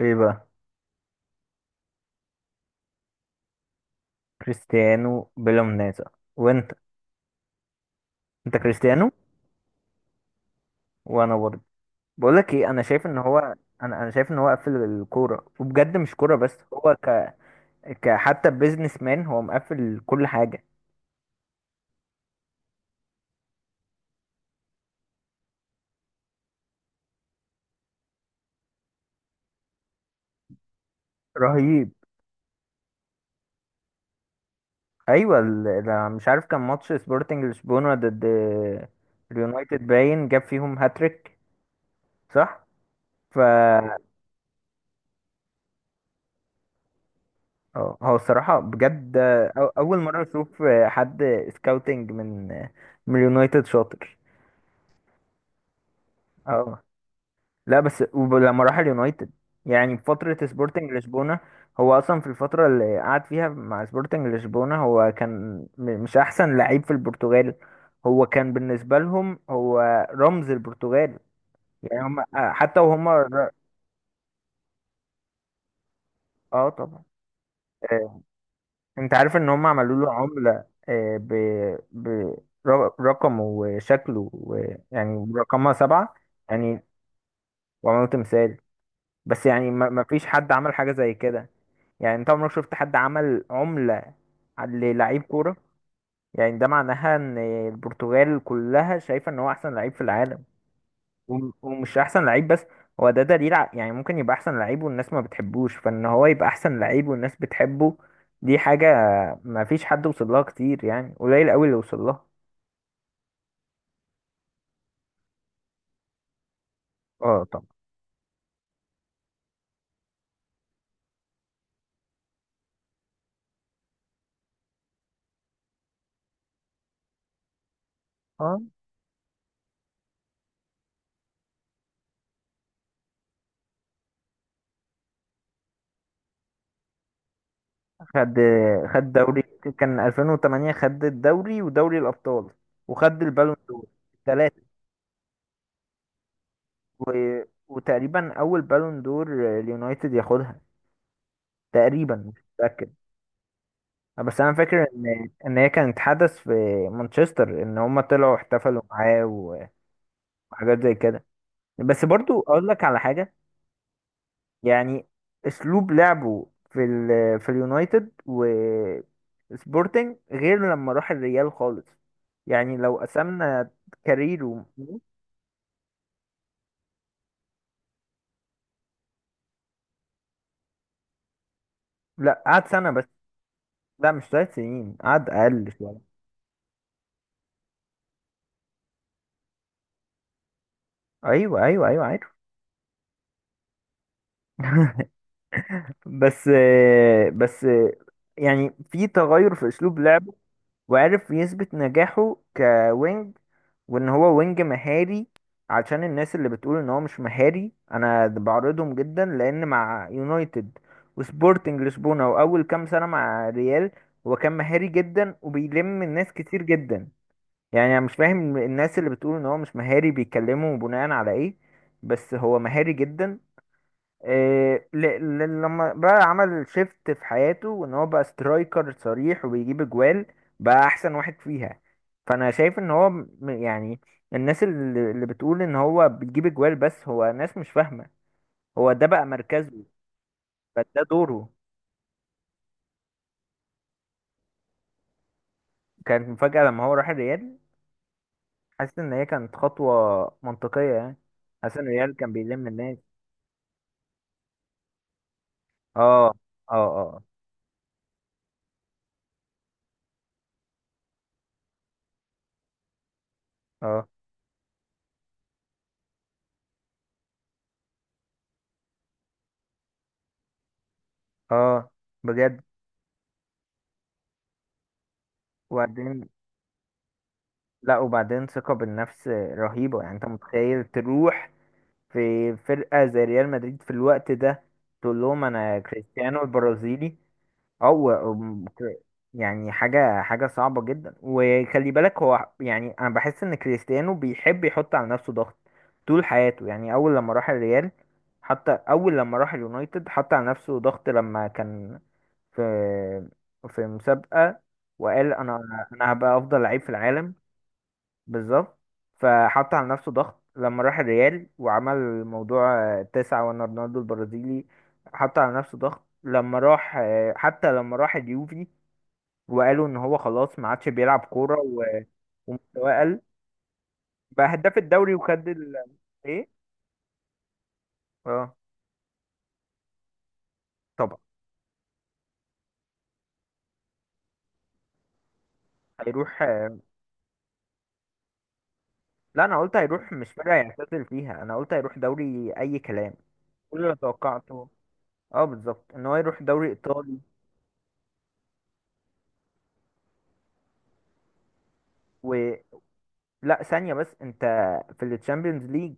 ايه بقى؟ كريستيانو بلا منازع. وانت؟ انت كريستيانو. وانا برضه. بقول لك ايه، انا شايف ان هو قفل الكوره، وبجد مش كوره بس، هو حتى بيزنس مان، هو مقفل كل حاجه. رهيب. ايوه، مش عارف، كان ماتش سبورتنج لشبونه ضد اليونايتد باين جاب فيهم هاتريك. صح. ف اه، هو الصراحه بجد، اول مره اشوف حد سكاوتنج من اليونايتد شاطر. اه. لا بس لما راح اليونايتد، يعني في فترة سبورتنج لشبونة، هو أصلا في الفترة اللي قعد فيها مع سبورتنج لشبونة هو كان مش أحسن لعيب في البرتغال. هو كان بالنسبة لهم، هو رمز البرتغال. يعني هم، حتى وهم. اه طبعا. آه، انت عارف ان هم عملوا له عملة، ب... رقمه وشكله يعني رقمها 7. يعني وعملوا تمثال. بس يعني ما فيش حد عمل حاجة زي كده. يعني انت عمرك شفت حد عمل عملة للعيب كورة؟ يعني ده معناها ان البرتغال كلها شايفة ان هو احسن لعيب في العالم، ومش احسن لعيب بس. هو ده دليل، يعني ممكن يبقى احسن لعيب والناس ما بتحبوش، فان هو يبقى احسن لعيب والناس بتحبه، دي حاجة ما فيش حد وصل لها كتير، يعني قليل قوي اللي وصل لها. اه طبعا. اه، خد خد دوري. كان 2008 خد الدوري ودوري الابطال، وخد البالون دور التلاتة. و... وتقريبا اول بالون دور اليونايتد ياخدها، تقريبا مش متاكد. بس انا فاكر ان هي كانت حدث في مانشستر، ان هم طلعوا احتفلوا معاه وحاجات زي كده. بس برضو اقول لك على حاجه. يعني اسلوب لعبه في اليونايتد و سبورتنج غير لما راح الريال خالص. يعني لو قسمنا كاريره. لا، قعد سنه بس. لا، مش 3 سنين، قعد اقل شويه. ايوه، ايوه، ايوه، عارف. بس بس يعني في تغير في اسلوب لعبه، وعرف يثبت نجاحه كوينج، وان هو وينج مهاري. عشان الناس اللي بتقول ان هو مش مهاري، انا بعرضهم جدا، لان مع يونايتد وسبورتنج لشبونة واول كام سنة مع ريال هو كان مهاري جدا وبيلم الناس كتير جدا. يعني انا مش فاهم الناس اللي بتقول ان هو مش مهاري بيتكلموا بناء على ايه، بس هو مهاري جدا. إيه، لما بقى عمل شيفت في حياته وان هو بقى سترايكر صريح وبيجيب اجوال بقى احسن واحد فيها. فانا شايف ان هو، يعني الناس اللي بتقول ان هو بيجيب اجوال بس، هو ناس مش فاهمة. هو ده بقى مركزه، فده دوره. كانت مفاجأة لما هو راح الريال. حاسس ان هي كانت خطوة منطقية يعني. حاسس ان الريال كان بيلم الناس. اه، اه، اه، اه، اه. بجد. وبعدين. لا، وبعدين ثقة بالنفس رهيبة. يعني انت متخيل تروح في فرقة زي ريال مدريد في الوقت ده، تقول لهم انا كريستيانو البرازيلي؟ او أم- كر- يعني حاجة حاجة صعبة جدا. وخلي بالك هو، يعني انا بحس ان كريستيانو بيحب يحط على نفسه ضغط طول حياته. يعني اول لما راح الريال، حتى اول لما راح اليونايتد حط على نفسه ضغط لما كان في في مسابقة، وقال انا هبقى افضل لعيب في العالم. بالظبط. فحط على نفسه ضغط لما راح الريال وعمل موضوع تسعة وانا رونالدو البرازيلي. حط على نفسه ضغط لما راح، حتى لما راح اليوفي وقالوا ان هو خلاص ما عادش بيلعب كورة ومستواه قل، بقى هداف الدوري وخد ال. ايه. اه طبعا. هيروح لا، انا قلت هيروح مش فرقة يعتزل فيها، انا قلت هيروح دوري اي كلام. كل اللي توقعته، اه بالظبط، ان هو يروح دوري ايطالي. و لا ثانية بس، انت في التشامبيونز ليج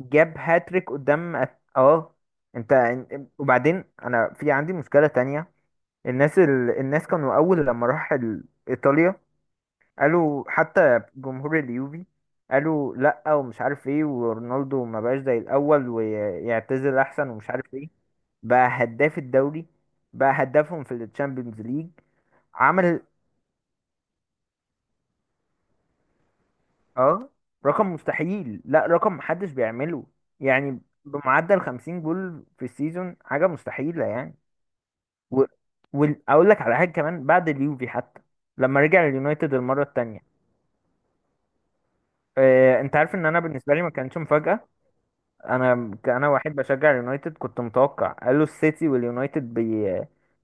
جاب هاتريك قدام اه. انت. وبعدين انا في عندي مشكلة تانية. الناس كانوا اول لما راح ايطاليا قالوا، حتى جمهور اليوفي قالوا لا ومش عارف ايه، ورونالدو ما بقاش زي الاول ويعتزل احسن ومش عارف ايه، بقى هداف الدوري، بقى هدافهم في التشامبيونز ليج. عمل. اه، رقم مستحيل، لا رقم محدش بيعمله، يعني بمعدل 50 جول في السيزون حاجة مستحيلة يعني. و... واقول لك على حاجه كمان، بعد اليوفي حتى لما رجع اليونايتد المره التانية. انت عارف ان انا بالنسبه لي ما كانتش مفاجاه. انا واحد بشجع اليونايتد، كنت متوقع، قالوا السيتي واليونايتد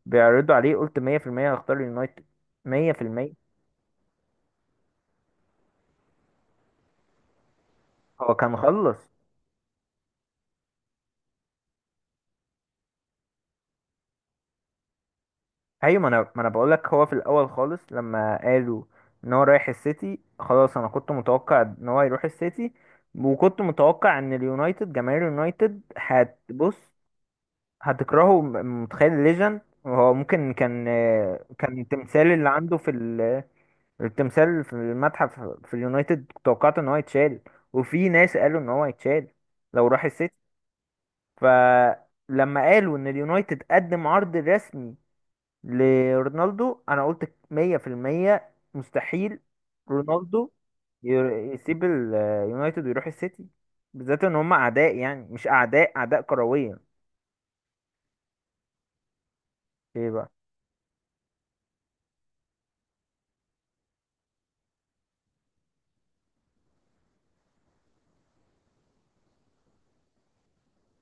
بيعرضوا عليه، قلت 100% هختار اليونايتد. 100%. هو كان خلص. ايوه، ما انا بقول لك هو في الاول خالص لما قالوا ان هو رايح السيتي خلاص، انا كنت متوقع ان هو يروح السيتي، وكنت متوقع ان اليونايتد، جماهير اليونايتد هتبص، هتكرهه. متخيل ليجن هو ممكن، كان كان التمثال اللي عنده التمثال في المتحف في اليونايتد كنت توقعت ان هو يتشال، وفي ناس قالوا ان هو يتشال لو راح السيتي. فلما قالوا ان اليونايتد قدم عرض رسمي لرونالدو، انا قلت 100% مستحيل رونالدو يسيب اليونايتد ويروح السيتي، بالذات ان هم اعداء، يعني مش اعداء، اعداء كرويا. ايه بقى؟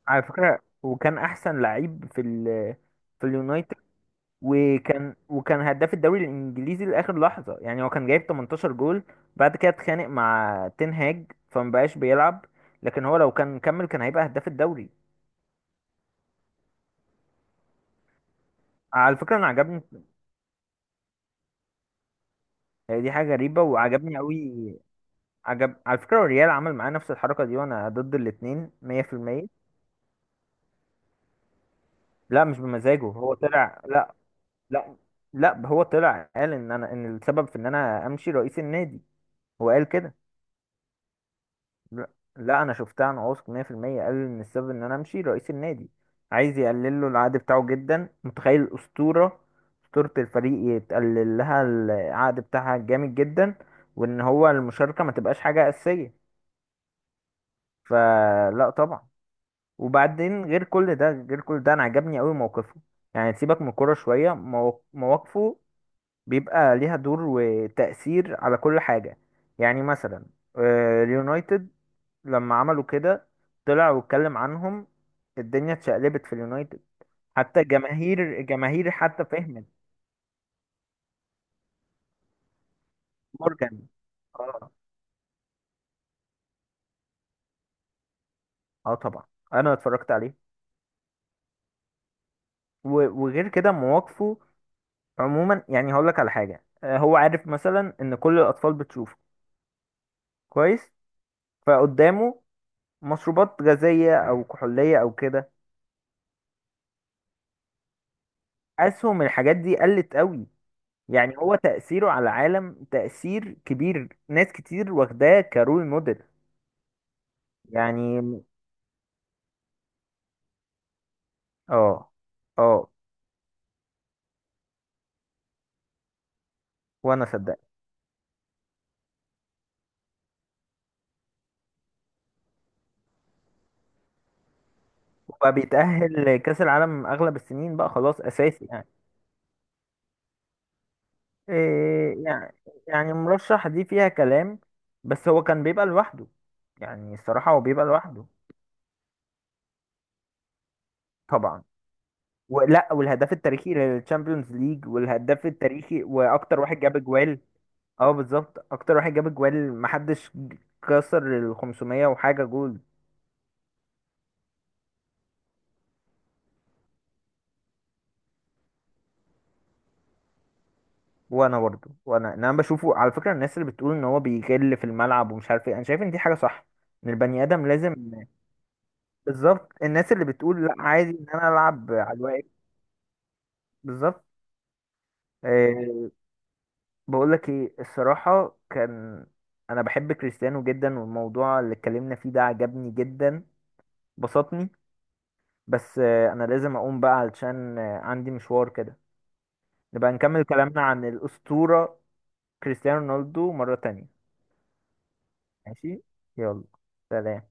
على فكرة، وكان أحسن لعيب في اليونايتد، وكان هداف الدوري الإنجليزي لآخر لحظة، يعني هو كان جايب 18 جول، بعد كده اتخانق مع تين هاج فمبقاش بيلعب، لكن هو لو كان كمل كان هيبقى هداف الدوري. على فكرة، أنا عجبني. دي حاجة غريبة، وعجبني أوي. عجب، على فكرة الريال عمل معاه نفس الحركة دي، وأنا ضد الاتنين 100%. لا، مش بمزاجه، هو طلع. لا. لا، لا هو طلع قال إن السبب في إن أنا أمشي رئيس النادي. هو قال كده. لا. لا، انا شفتها عن واثق 100%، قال ان السبب ان انا امشي رئيس النادي. عايز يقلل له العقد بتاعه جدا، متخيل الاسطوره، اسطوره الفريق يتقلل لها العقد بتاعها جامد جدا، وان هو المشاركه ما تبقاش حاجه اساسيه. فلا طبعا. وبعدين غير كل ده غير كل ده، انا عجبني قوي موقفه. يعني سيبك من الكوره شويه، مواقفه بيبقى ليها دور وتأثير على كل حاجه. يعني مثلا اليونايتد لما عملوا كده طلع واتكلم عنهم. الدنيا اتشقلبت في اليونايتد، حتى جماهير، حتى فهمت. مورجان. اه. اه طبعا، انا اتفرجت عليه. وغير كده مواقفه عموما، يعني هقول لك على حاجه. هو عارف مثلا ان كل الاطفال بتشوفه كويس، فقدامه مشروبات غازيه او كحوليه او كده، اسهم الحاجات دي قلت قوي. يعني هو تاثيره على العالم تاثير كبير، ناس كتير واخداه كرول موديل. يعني. اه. اه. وانا صدقت. وبقى بيتأهل لكأس العالم اغلب السنين، بقى خلاص اساسي يعني. إيه يعني، يعني مرشح دي فيها كلام، بس هو كان بيبقى لوحده، يعني الصراحة هو بيبقى لوحده. طبعا. ولا، والهداف التاريخي للتشامبيونز ليج، والهداف التاريخي، واكتر واحد جاب اجوال. اه بالظبط، اكتر واحد جاب اجوال، محدش كسر ال 500 وحاجة جول. وانا برضه. وانا إن انا بشوفه على فكره، الناس اللي بتقول ان هو بيغل في الملعب ومش عارف ايه، انا شايف ان دي حاجه صح، ان البني ادم لازم. بالظبط. الناس اللي بتقول لا، عادي ان انا العب على الواقف. بالظبط. أه. بقول لك ايه، الصراحه كان انا بحب كريستيانو جدا، والموضوع اللي اتكلمنا فيه ده عجبني جدا، بسطني. بس أه انا لازم اقوم بقى علشان عندي مشوار كده. نبقى نكمل كلامنا عن الاسطوره كريستيانو رونالدو مره تانية. ماشي. يلا. سلام